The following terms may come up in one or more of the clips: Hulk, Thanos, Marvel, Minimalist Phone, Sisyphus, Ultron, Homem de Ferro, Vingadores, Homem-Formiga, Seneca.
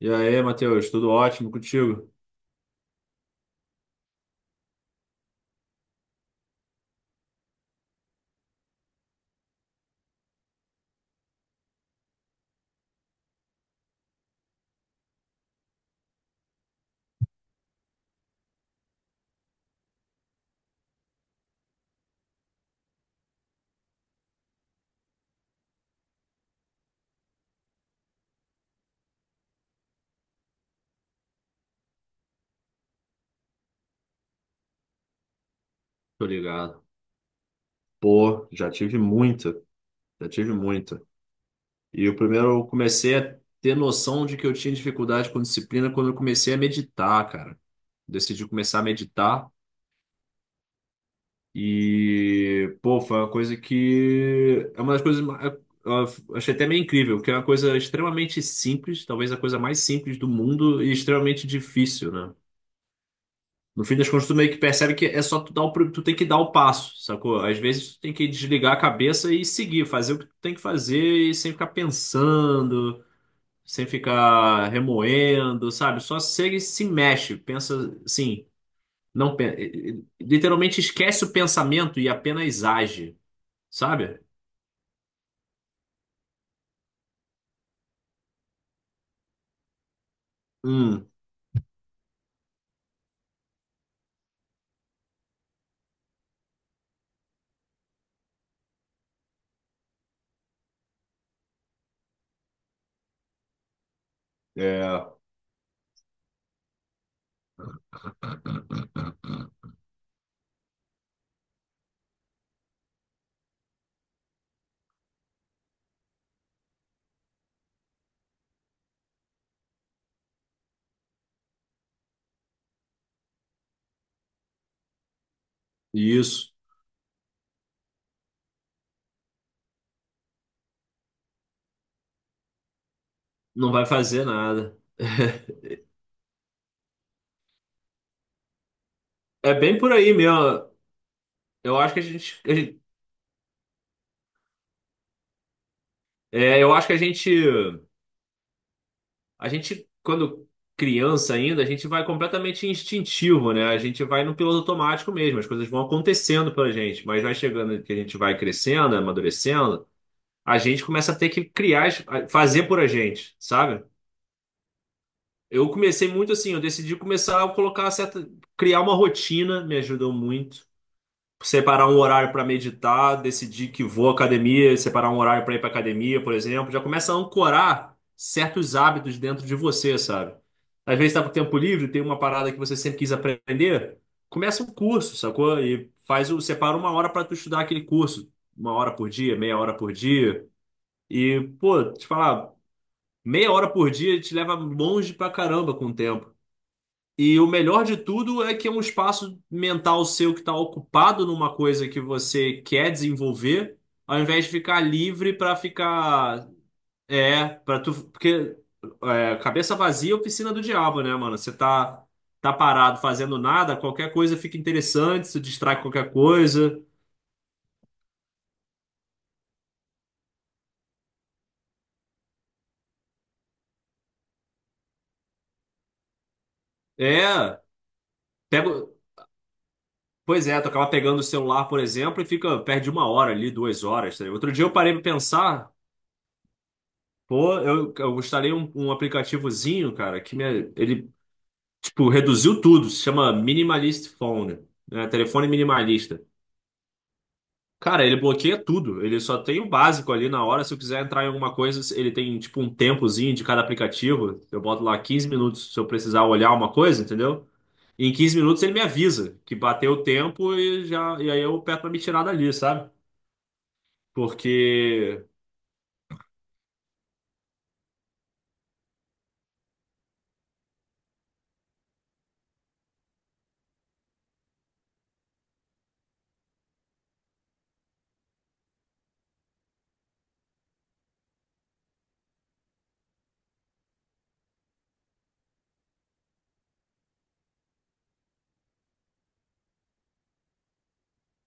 E aí, Matheus, tudo ótimo contigo? Tô ligado. Pô, já tive muita, já tive muita. E o primeiro eu comecei a ter noção de que eu tinha dificuldade com disciplina quando eu comecei a meditar, cara. Decidi começar a meditar e, pô, foi uma coisa que é uma das coisas eu achei até meio incrível, que é uma coisa extremamente simples, talvez a coisa mais simples do mundo e extremamente difícil, né? No fim das contas, tu meio que percebe que é só tu tem que dar o passo, sacou? Às vezes tu tem que desligar a cabeça e seguir, fazer o que tu tem que fazer e sem ficar pensando, sem ficar remoendo, sabe? Só segue e se mexe, pensa assim, não, literalmente esquece o pensamento e apenas age, sabe? Hum, é. Isso. Não vai fazer nada. É bem por aí mesmo. Eu acho que a gente- é, eu acho que a gente A gente, quando criança ainda, a gente vai completamente instintivo, né? A gente vai no piloto automático mesmo, as coisas vão acontecendo pra gente, mas vai chegando que a gente vai crescendo, amadurecendo, a gente começa a ter que criar, fazer por a gente, sabe? Eu comecei muito assim, eu decidi começar a colocar certa, criar uma rotina, me ajudou muito. Separar um horário para meditar, decidir que vou à academia, separar um horário para ir para academia, por exemplo, já começa a ancorar certos hábitos dentro de você, sabe? Às vezes está com tempo livre, tem uma parada que você sempre quis aprender, começa um curso, sacou? E faz o, separa uma hora para tu estudar aquele curso, uma hora por dia, meia hora por dia. E, pô, te falar, meia hora por dia te leva longe pra caramba com o tempo. E o melhor de tudo é que é um espaço mental seu que está ocupado numa coisa que você quer desenvolver, ao invés de ficar livre para ficar. É, para tu. Porque é, cabeça vazia é oficina do diabo, né, mano? Você tá, tá parado fazendo nada, qualquer coisa fica interessante, se distrai com qualquer coisa. É, pego. Pois é, tu acaba pegando o celular, por exemplo, e fica, perde uma hora ali, duas horas. Tá ligado? Outro dia eu parei para pensar. Pô, eu gostaria um aplicativozinho, cara, que me, ele, tipo, reduziu tudo. Se chama Minimalist Phone, né? Telefone minimalista. Cara, ele bloqueia tudo. Ele só tem o básico ali na hora. Se eu quiser entrar em alguma coisa, ele tem, tipo, um tempozinho de cada aplicativo. Eu boto lá 15 minutos se eu precisar olhar uma coisa, entendeu? E em 15 minutos ele me avisa que bateu o tempo e já, e aí eu peço pra me tirar dali, sabe? Porque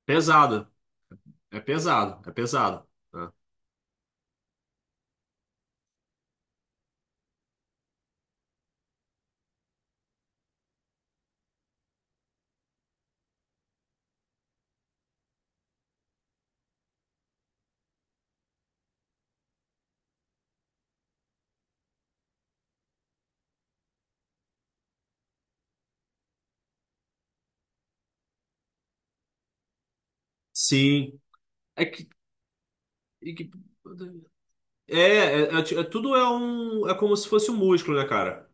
pesado. É pesado, é pesado. Né? Sim. É que E que- É, é, é ti- é tudo é um, é como se fosse um músculo, né, cara?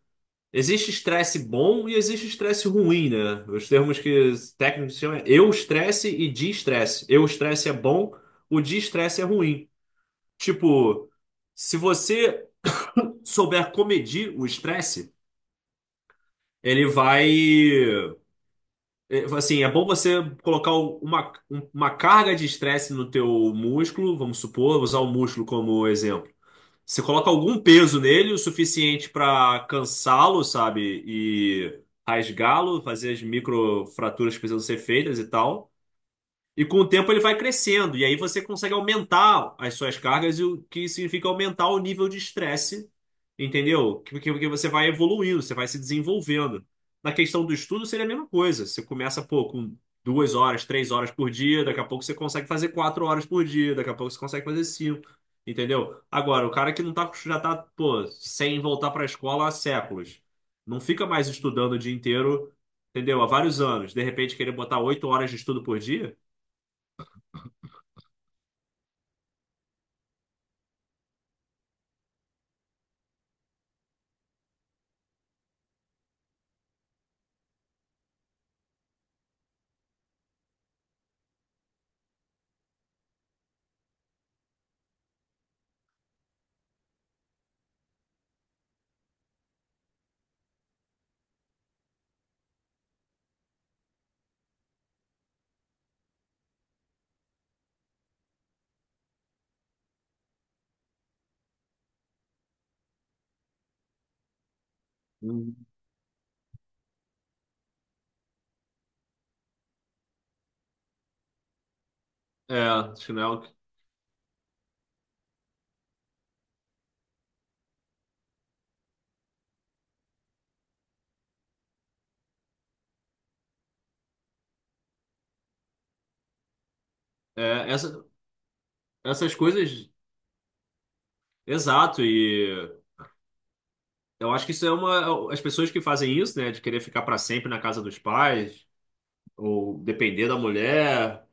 Existe estresse bom e existe estresse ruim, né? Os termos que os técnicos chamam é eu estresse e de estresse. Eu estresse é bom, o de estresse é ruim. Tipo, se você souber comedir o estresse, ele vai, é, assim, é bom você colocar uma carga de estresse no teu músculo, vamos supor, usar o músculo como exemplo. Você coloca algum peso nele, o suficiente para cansá-lo, sabe? E rasgá-lo, fazer as microfraturas que precisam ser feitas e tal. E com o tempo ele vai crescendo, e aí você consegue aumentar as suas cargas, e o que significa aumentar o nível de estresse, entendeu? Porque você vai evoluindo, você vai se desenvolvendo. Na questão do estudo, seria a mesma coisa. Você começa, pô, com 2 horas, 3 horas por dia, daqui a pouco você consegue fazer 4 horas por dia, daqui a pouco você consegue fazer cinco, entendeu? Agora, o cara que não tá, já tá, pô, sem voltar para a escola há séculos, não fica mais estudando o dia inteiro, entendeu? Há vários anos, de repente querer botar 8 horas de estudo por dia. Hum. É, chinelo. É, essa, essas coisas, exato, e eu acho que isso é uma. As pessoas que fazem isso, né, de querer ficar para sempre na casa dos pais, ou depender da mulher,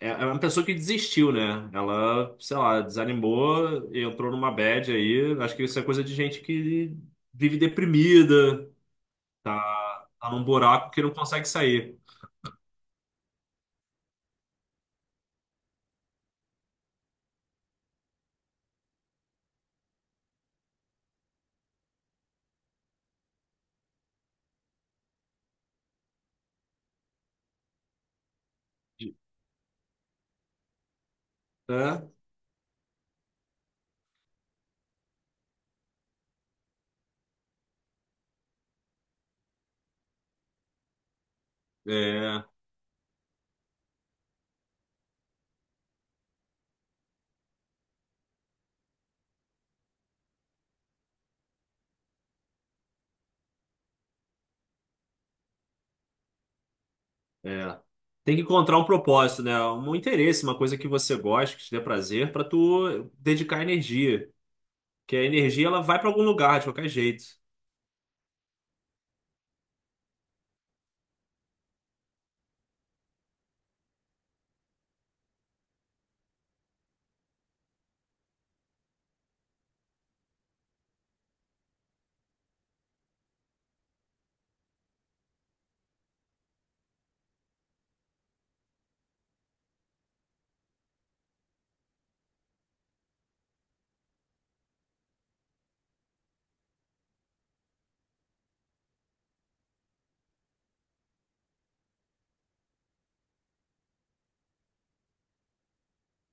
é uma pessoa que desistiu, né? Ela, sei lá, desanimou, e entrou numa bad aí. Acho que isso é coisa de gente que vive deprimida, tá, tá num buraco que não consegue sair. É, é. É. Tem que encontrar um propósito, né? Um interesse, uma coisa que você gosta, que te dê prazer, pra tu dedicar energia. Que a energia ela vai pra algum lugar, de qualquer jeito.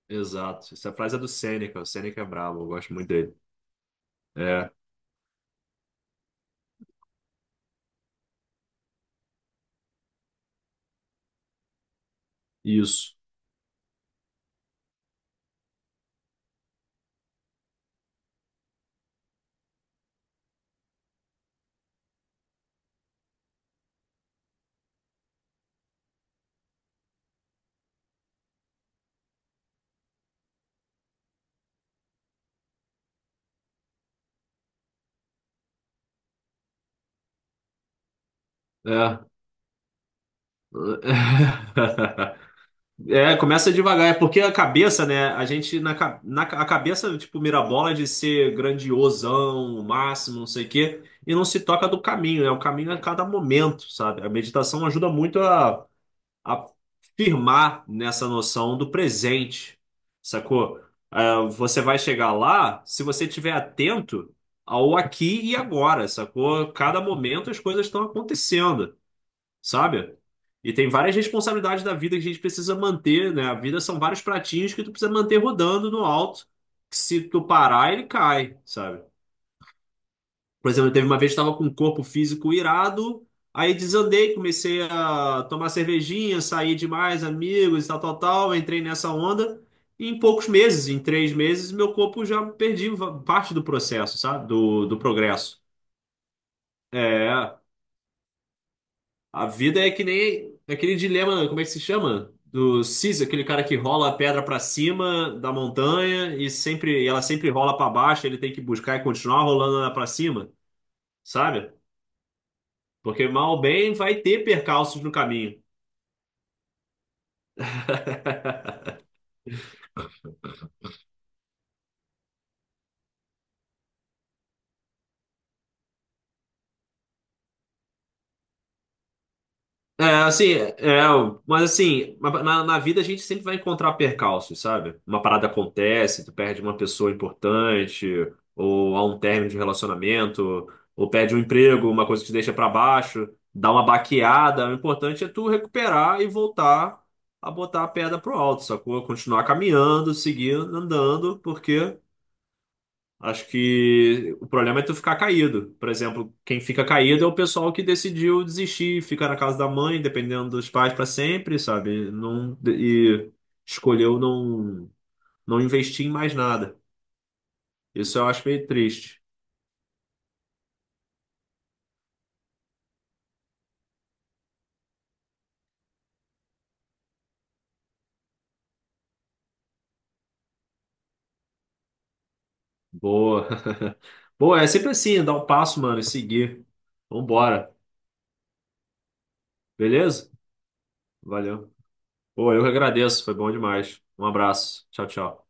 Exato. Essa frase é do Seneca. O Seneca é brabo, eu gosto muito dele. É, isso. É. É, começa devagar, é porque a cabeça, né? A gente a cabeça, tipo, mira a bola de ser grandiosão, o máximo, não sei o quê, e não se toca do caminho, né? O caminho é cada momento, sabe? A meditação ajuda muito a firmar nessa noção do presente, sacou? Ah, você vai chegar lá se você estiver atento ao aqui e agora, sacou? Cada momento as coisas estão acontecendo, sabe? E tem várias responsabilidades da vida que a gente precisa manter, né? A vida são vários pratinhos que tu precisa manter rodando no alto, que se tu parar, ele cai, sabe? Por exemplo, teve uma vez que estava com um corpo físico irado, aí desandei, comecei a tomar cervejinha, sair demais, amigos, tal, tal, tal, entrei nessa onda. E em poucos meses, em 3 meses, meu corpo já parte do processo, sabe? Do progresso. É, a vida é que nem aquele dilema, como é que se chama? Do Sisyphus, aquele cara que rola a pedra para cima da montanha e sempre, ela sempre rola para baixo, ele tem que buscar e continuar rolando ela para cima, sabe? Porque mal ou bem vai ter percalços no caminho. É, assim, é, é, mas assim, na vida a gente sempre vai encontrar percalços, sabe? Uma parada acontece, tu perde uma pessoa importante, ou há um término de relacionamento, ou perde um emprego, uma coisa que te deixa pra baixo, dá uma baqueada. O importante é tu recuperar e voltar a botar a pedra pro alto, sacou? Continuar caminhando, seguindo, andando, porque acho que o problema é tu ficar caído. Por exemplo, quem fica caído é o pessoal que decidiu desistir, ficar na casa da mãe, dependendo dos pais para sempre, sabe? Não, e escolheu não investir em mais nada. Isso eu acho meio triste. Boa. Boa, é sempre assim, dar um passo, mano, e seguir. Vambora. Beleza? Valeu. Pô, eu que agradeço, foi bom demais. Um abraço. Tchau, tchau.